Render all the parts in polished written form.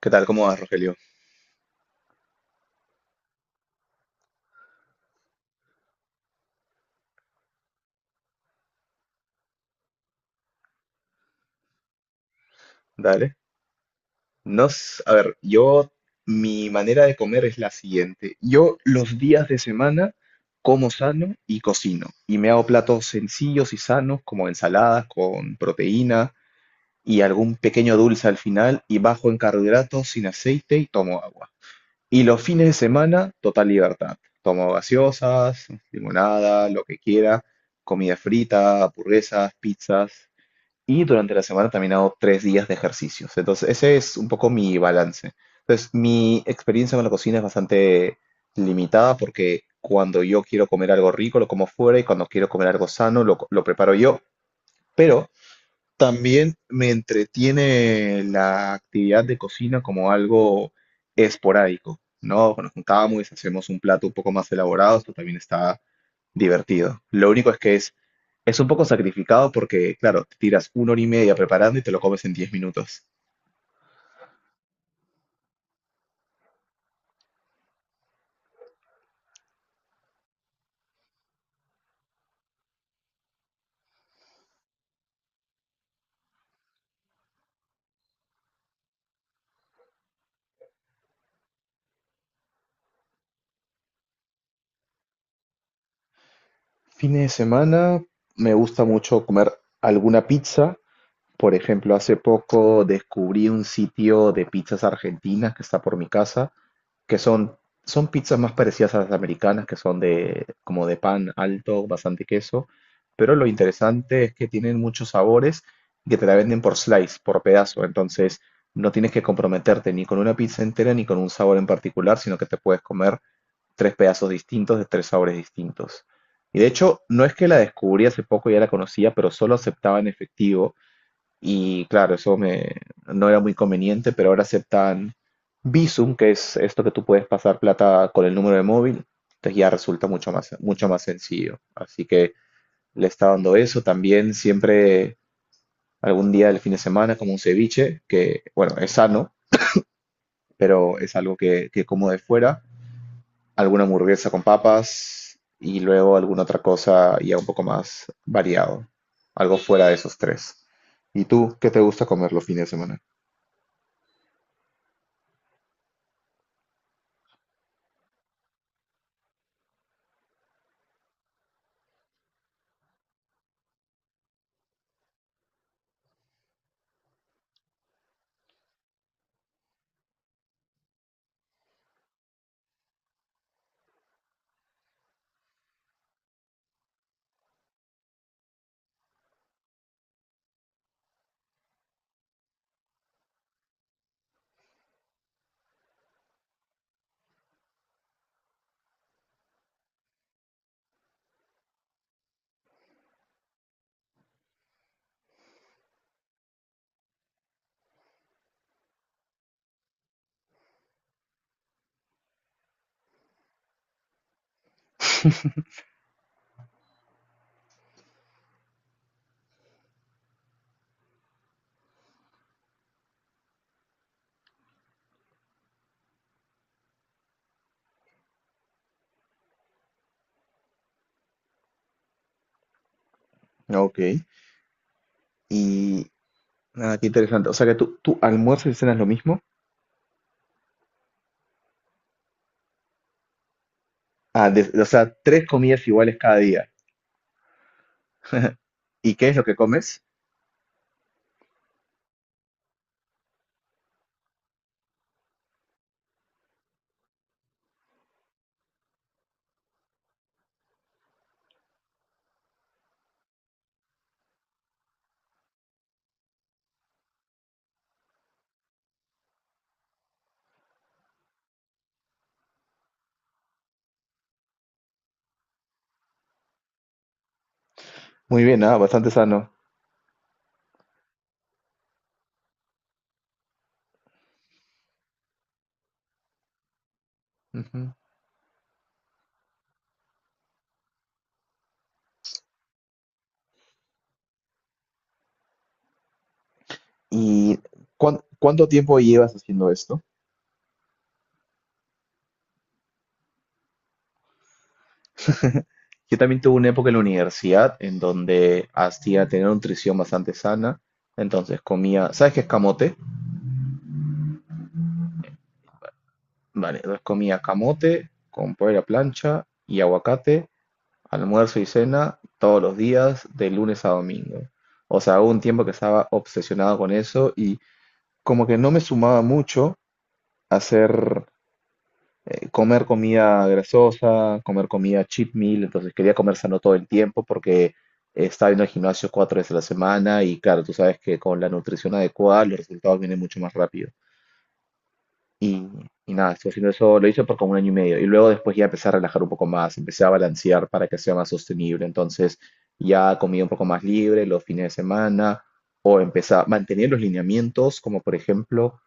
¿Qué tal? ¿Cómo vas, Rogelio? Dale. A ver, yo, mi manera de comer es la siguiente. Yo los días de semana como sano y cocino. Y me hago platos sencillos y sanos, como ensaladas con proteína y algún pequeño dulce al final, y bajo en carbohidratos, sin aceite y tomo agua. Y los fines de semana, total libertad. Tomo gaseosas, limonada, lo que quiera, comida frita, hamburguesas, pizzas. Y durante la semana también hago 3 días de ejercicios. Entonces, ese es un poco mi balance. Entonces, mi experiencia con la cocina es bastante limitada porque cuando yo quiero comer algo rico lo como fuera y cuando quiero comer algo sano lo preparo yo. Pero también me entretiene la actividad de cocina como algo esporádico, ¿no? Nos juntamos, hacemos un plato un poco más elaborado, esto también está divertido. Lo único es que es un poco sacrificado porque, claro, te tiras una hora y media preparando y te lo comes en 10 minutos. Fines de semana me gusta mucho comer alguna pizza. Por ejemplo, hace poco descubrí un sitio de pizzas argentinas que está por mi casa que son pizzas más parecidas a las americanas, que son de, como de pan alto, bastante queso, pero lo interesante es que tienen muchos sabores y que te la venden por slice, por pedazo, entonces no tienes que comprometerte ni con una pizza entera ni con un sabor en particular, sino que te puedes comer tres pedazos distintos de tres sabores distintos. Y de hecho, no es que la descubrí hace poco, ya la conocía, pero solo aceptaba en efectivo. Y claro, eso me, no era muy conveniente, pero ahora aceptan Bizum, que es esto que tú puedes pasar plata con el número de móvil. Entonces ya resulta mucho más sencillo. Así que le está dando eso. También siempre algún día del fin de semana, como un ceviche, que bueno, es sano, pero es algo que como de fuera. Alguna hamburguesa con papas y luego alguna otra cosa ya un poco más variado. Algo fuera de esos tres. ¿Y tú qué te gusta comer los fines de semana? Ok. Y nada, qué interesante. O sea que tú almuerzas y cenas lo mismo. Ah, o sea, tres comidas iguales cada día. ¿Y qué es lo que comes? Muy bien, bastante sano. Ujú. ¿Y cuánto tiempo llevas haciendo esto? Yo también tuve una época en la universidad en donde hacía tener una nutrición bastante sana. Entonces comía, ¿sabes qué es camote? Vale, entonces comía camote con pollo a la plancha y aguacate. Almuerzo y cena todos los días, de lunes a domingo. O sea, hubo un tiempo que estaba obsesionado con eso y como que no me sumaba mucho hacer comer comida grasosa, comer comida cheat meal, entonces quería comer sano todo el tiempo porque estaba yendo al gimnasio 4 veces a la semana y claro, tú sabes que con la nutrición adecuada los resultados vienen mucho más rápido. Y, y nada, estuve haciendo eso, lo hice por como un año y medio. Y luego después ya empecé a relajar un poco más, empecé a balancear para que sea más sostenible. Entonces ya comía un poco más libre los fines de semana, empecé a mantener los lineamientos, como por ejemplo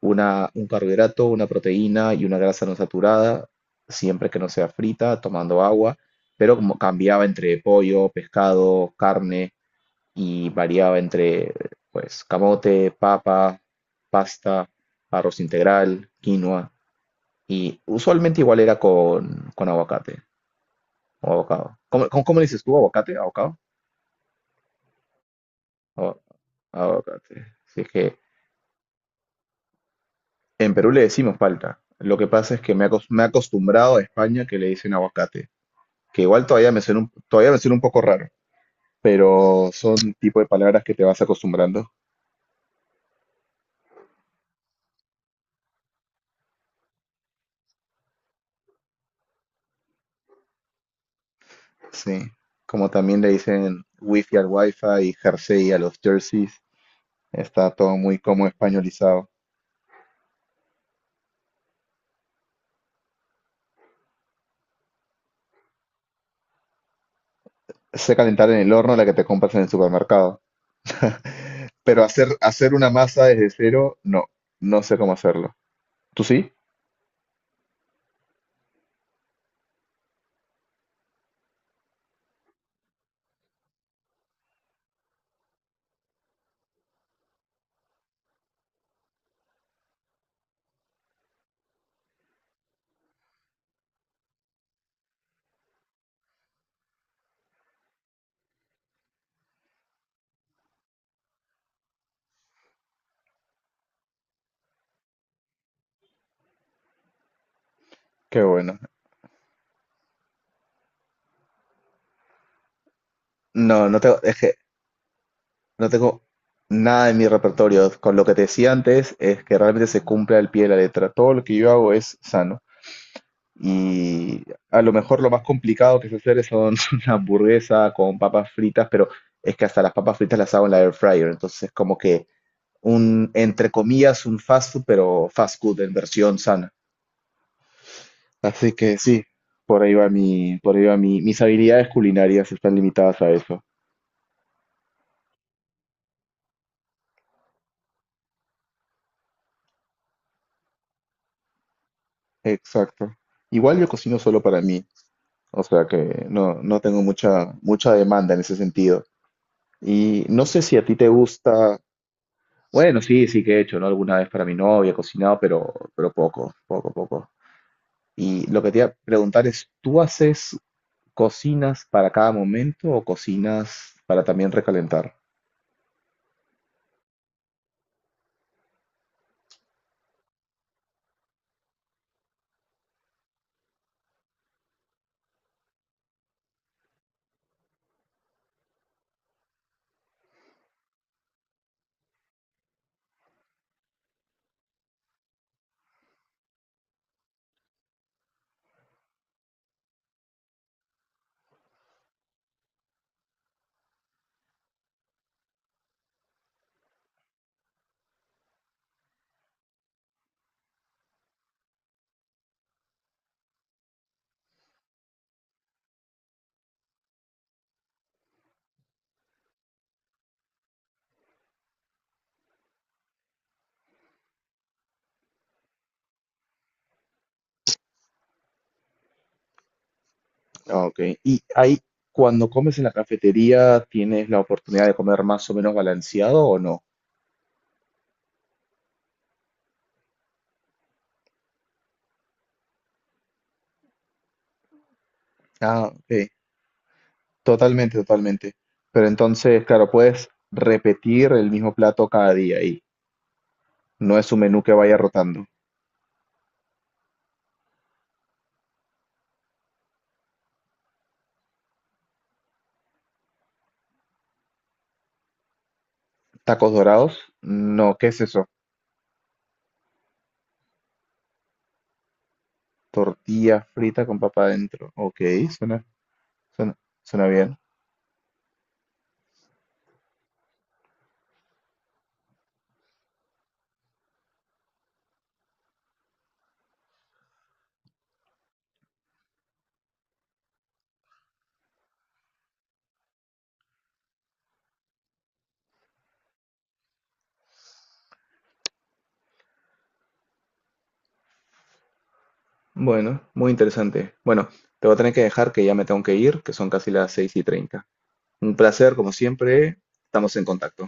una, un carbohidrato, una proteína y una grasa no saturada, siempre que no sea frita, tomando agua. Pero como cambiaba entre pollo, pescado, carne y variaba entre pues camote, papa, pasta, arroz integral, quinoa. Y usualmente igual era con aguacate o abocado. ¿Cómo le dices tú? ¿Aguacate? ¿Abocado? Abo- Aguacate. Si es que en Perú le decimos palta. Lo que pasa es que me he acostumbrado a España que le dicen aguacate, que igual todavía me suena un, todavía me suena un poco raro, pero son tipo de palabras que te vas acostumbrando. Sí. Como también le dicen wifi al wifi y jersey a los jerseys. Está todo muy como españolizado. Sé calentar en el horno la que te compras en el supermercado. Pero hacer, hacer una masa desde cero, no, no sé cómo hacerlo. ¿Tú sí? Qué bueno. No, no tengo, es que no tengo nada en mi repertorio. Con lo que te decía antes, es que realmente se cumple al pie de la letra. Todo lo que yo hago es sano. Y a lo mejor lo más complicado que sé hacer son una hamburguesa con papas fritas, pero es que hasta las papas fritas las hago en la air fryer. Entonces, como que un, entre comillas, un fast food, pero fast food en versión sana. Así que sí, por ahí va mi, por ahí va mi, mis habilidades culinarias están limitadas a eso. Exacto. Igual yo cocino solo para mí, o sea que no tengo mucha, mucha demanda en ese sentido. Y no sé si a ti te gusta, bueno, sí, sí que he hecho, ¿no? Alguna vez para mi novia he cocinado, pero poco, poco, poco. Y lo que te iba a preguntar es, ¿tú haces cocinas para cada momento o cocinas para también recalentar? Ah, ok, y ahí cuando comes en la cafetería, ¿tienes la oportunidad de comer más o menos balanceado o no? Ah, ok, totalmente, totalmente. Pero entonces, claro, puedes repetir el mismo plato cada día y no es un menú que vaya rotando. ¿Tacos dorados? No, ¿qué es eso? Tortilla frita con papa adentro. Ok, suena, suena, suena bien. Bueno, muy interesante. Bueno, te voy a tener que dejar que ya me tengo que ir, que son casi las 6:30. Un placer, como siempre, estamos en contacto.